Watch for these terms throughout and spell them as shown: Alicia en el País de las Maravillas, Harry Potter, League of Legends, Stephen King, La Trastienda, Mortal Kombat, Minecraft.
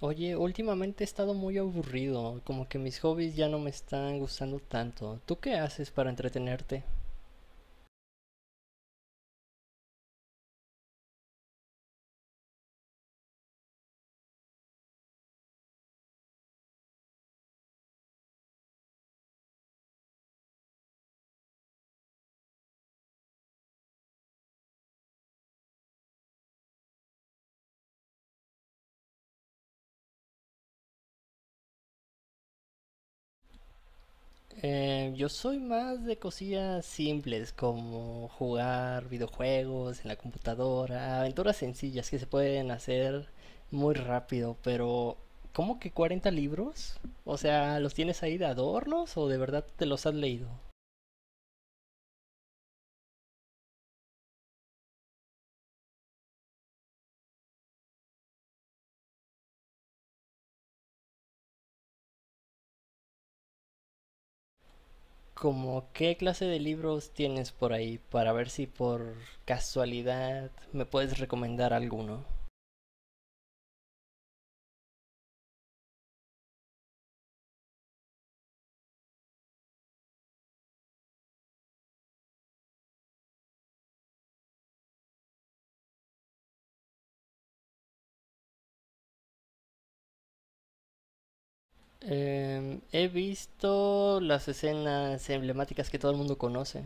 Oye, últimamente he estado muy aburrido, como que mis hobbies ya no me están gustando tanto. ¿Tú qué haces para entretenerte? Yo soy más de cosillas simples, como jugar videojuegos en la computadora, aventuras sencillas que se pueden hacer muy rápido, pero ¿cómo que 40 libros? O sea, ¿los tienes ahí de adornos o de verdad te los has leído? ¿Cómo qué clase de libros tienes por ahí para ver si por casualidad me puedes recomendar alguno? He visto las escenas emblemáticas que todo el mundo conoce.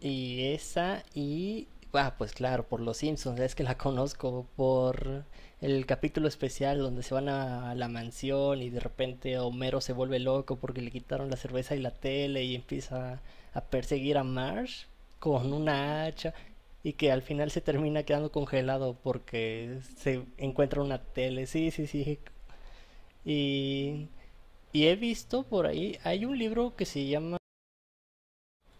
Y esa y... Ah, pues claro, por Los Simpsons, es que la conozco por el capítulo especial donde se van a la mansión y de repente Homero se vuelve loco porque le quitaron la cerveza y la tele y empieza a perseguir a Marsh con una hacha y que al final se termina quedando congelado porque se encuentra una tele. Sí, sí, sí. Y, y he visto por ahí, hay un libro que se llama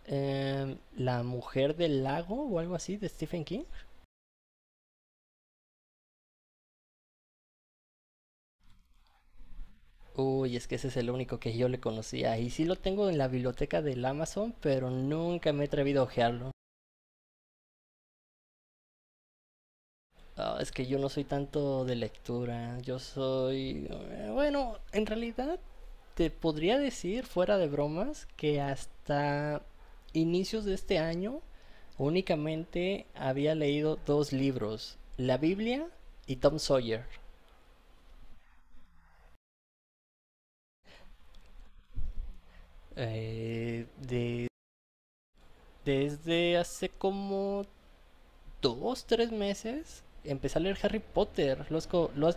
la mujer del lago o algo así de Stephen King. Uy, es que ese es el único que yo le conocía. Y sí lo tengo en la biblioteca del Amazon, pero nunca me he atrevido a ojearlo. Ah, es que yo no soy tanto de lectura. Bueno, en realidad te podría decir, fuera de bromas, que hasta inicios de este año únicamente había leído dos libros. La Biblia y Tom Sawyer. De Desde hace como 2, 3 meses empecé a leer Harry Potter. ¿Lo has?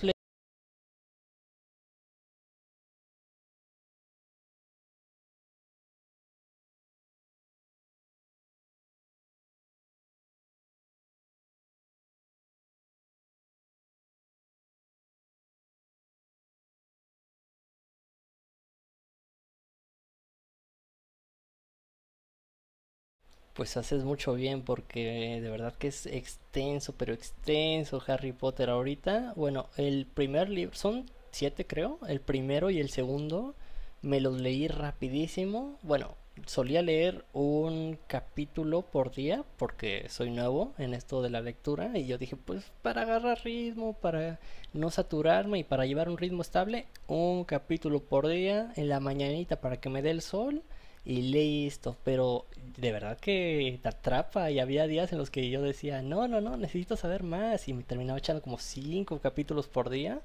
Pues haces mucho bien porque de verdad que es extenso, pero extenso Harry Potter ahorita. Bueno, el primer libro, son siete creo, el primero y el segundo me los leí rapidísimo. Bueno, solía leer un capítulo por día porque soy nuevo en esto de la lectura y yo dije, pues para agarrar ritmo, para no saturarme y para llevar un ritmo estable, un capítulo por día en la mañanita para que me dé el sol y listo. Pero de verdad que te atrapa y había días en los que yo decía, no, no, no, necesito saber más y me terminaba echando como cinco capítulos por día.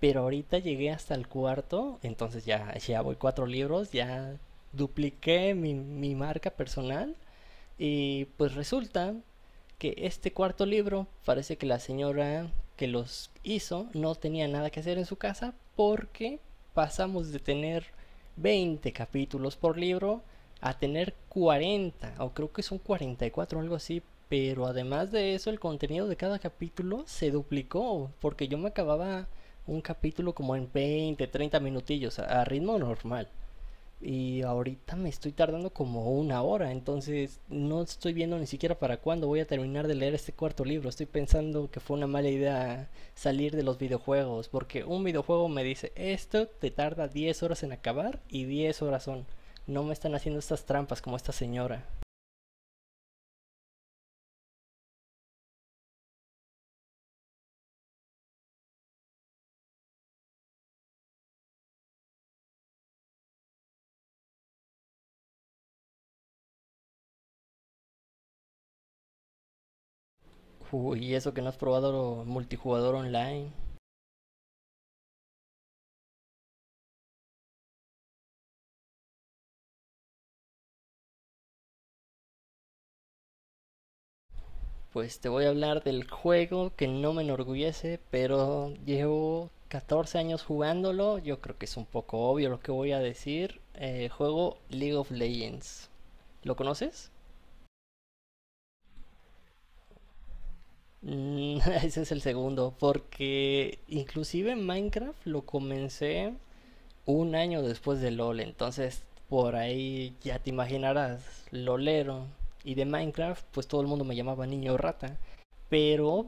Pero ahorita llegué hasta el cuarto, entonces ya, ya voy cuatro libros, ya dupliqué mi marca personal y pues resulta que este cuarto libro parece que la señora que los hizo no tenía nada que hacer en su casa porque pasamos de tener 20 capítulos por libro a tener 40, o creo que son 44 o algo así, pero además de eso el contenido de cada capítulo se duplicó, porque yo me acababa un capítulo como en 20, 30 minutillos, a ritmo normal. Y ahorita me estoy tardando como una hora, entonces no estoy viendo ni siquiera para cuándo voy a terminar de leer este cuarto libro. Estoy pensando que fue una mala idea salir de los videojuegos, porque un videojuego me dice, esto te tarda 10 horas en acabar y 10 horas son. No me están haciendo estas trampas como esta señora. Uy, y eso que no has probado multijugador online. Pues te voy a hablar del juego que no me enorgullece, pero llevo 14 años jugándolo. Yo creo que es un poco obvio lo que voy a decir. Juego League of Legends. ¿Lo conoces? Mm, Ese es el segundo, porque inclusive Minecraft lo comencé un año después de LOL, entonces por ahí ya te imaginarás, lolero. Y de Minecraft, pues todo el mundo me llamaba niño rata. Pero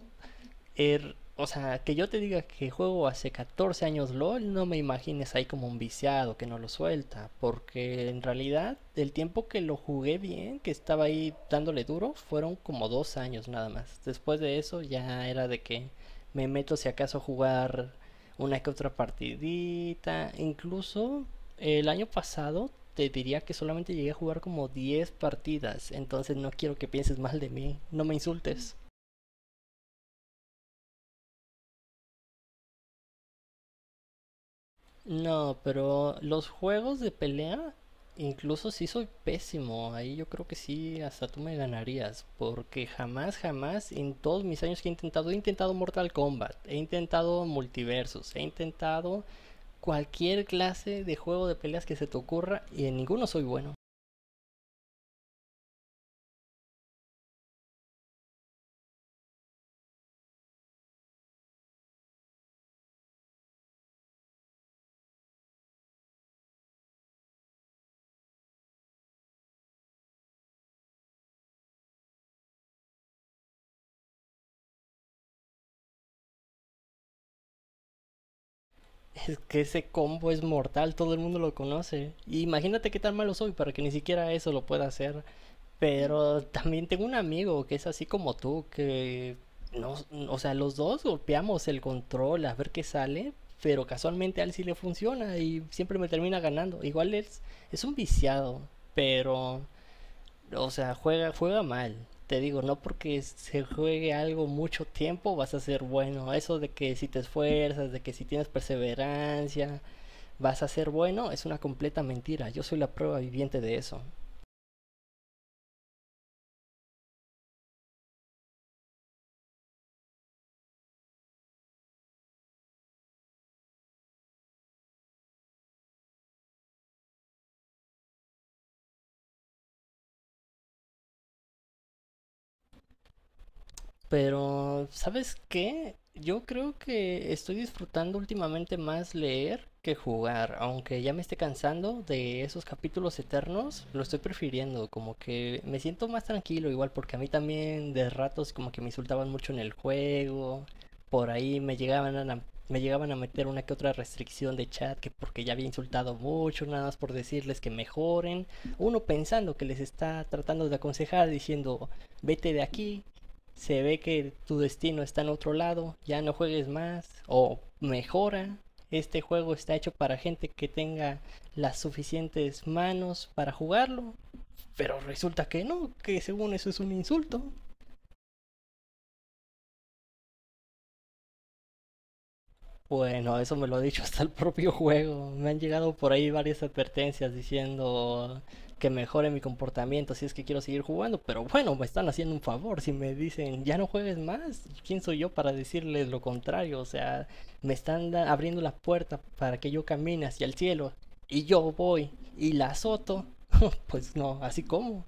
o sea, que yo te diga que juego hace 14 años LOL, no me imagines ahí como un viciado que no lo suelta, porque en realidad el tiempo que lo jugué bien, que estaba ahí dándole duro, fueron como 2 años nada más. Después de eso ya era de que me meto si acaso a jugar una que otra partidita, incluso el año pasado te diría que solamente llegué a jugar como 10 partidas, entonces no quiero que pienses mal de mí, no me insultes. No, pero los juegos de pelea, incluso si soy pésimo, ahí yo creo que sí, hasta tú me ganarías, porque jamás, jamás en todos mis años que he intentado Mortal Kombat, he intentado multiversos, he intentado cualquier clase de juego de peleas que se te ocurra y en ninguno soy bueno. Es que ese combo es mortal, todo el mundo lo conoce. Y imagínate qué tan malo soy para que ni siquiera eso lo pueda hacer. Pero también tengo un amigo que es así como tú, que no, o sea, los dos golpeamos el control a ver qué sale, pero casualmente a él sí le funciona y siempre me termina ganando. Igual es un viciado, pero, o sea, juega, juega mal. Te digo, no porque se juegue algo mucho tiempo vas a ser bueno. Eso de que si te esfuerzas, de que si tienes perseverancia, vas a ser bueno, es una completa mentira. Yo soy la prueba viviente de eso. Pero, ¿sabes qué? Yo creo que estoy disfrutando últimamente más leer que jugar, aunque ya me esté cansando de esos capítulos eternos, lo estoy prefiriendo, como que me siento más tranquilo igual, porque a mí también de ratos como que me insultaban mucho en el juego, por ahí me llegaban a meter una que otra restricción de chat, que porque ya había insultado mucho, nada más por decirles que mejoren, uno pensando que les está tratando de aconsejar, diciendo, vete de aquí, se ve que tu destino está en otro lado, ya no juegues más o mejora. Este juego está hecho para gente que tenga las suficientes manos para jugarlo, pero resulta que no, que según eso es un insulto. Bueno, eso me lo ha dicho hasta el propio juego. Me han llegado por ahí varias advertencias diciendo que mejore mi comportamiento si es que quiero seguir jugando, pero bueno, me están haciendo un favor. Si me dicen ya no juegues más, ¿quién soy yo para decirles lo contrario? O sea, me están abriendo la puerta para que yo camine hacia el cielo y yo voy y la azoto. Pues no, así como.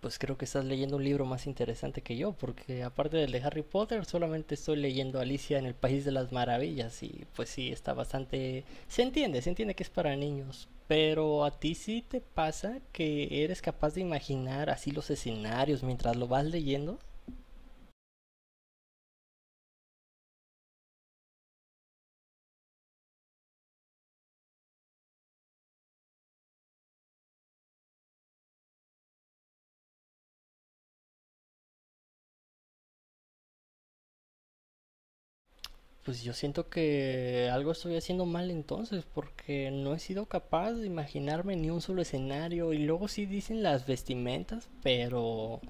Pues creo que estás leyendo un libro más interesante que yo, porque aparte del de Harry Potter, solamente estoy leyendo Alicia en el País de las Maravillas y pues sí, está bastante. Se entiende que es para niños, pero a ti sí te pasa que eres capaz de imaginar así los escenarios mientras lo vas leyendo. Pues yo siento que algo estoy haciendo mal entonces, porque no he sido capaz de imaginarme ni un solo escenario. Y luego sí dicen las vestimentas, pero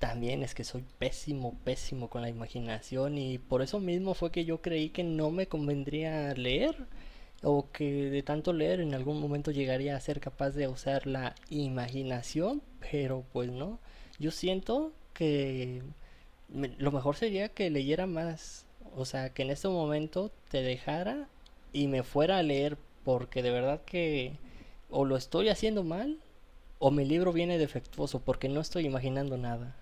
también es que soy pésimo, pésimo con la imaginación. Y por eso mismo fue que yo creí que no me convendría leer, o que de tanto leer en algún momento llegaría a ser capaz de usar la imaginación, pero pues no. Yo siento que lo mejor sería que leyera más. O sea, que en este momento te dejara y me fuera a leer, porque de verdad que o lo estoy haciendo mal o mi libro viene defectuoso, porque no estoy imaginando nada.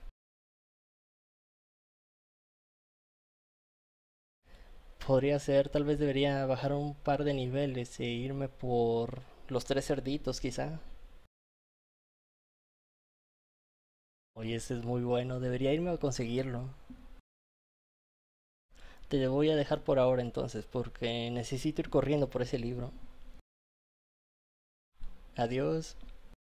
Podría ser, tal vez debería bajar un par de niveles e irme por los tres cerditos, quizá. Oye, ese es muy bueno, debería irme a conseguirlo. Te voy a dejar por ahora entonces, porque necesito ir corriendo por ese libro. Adiós.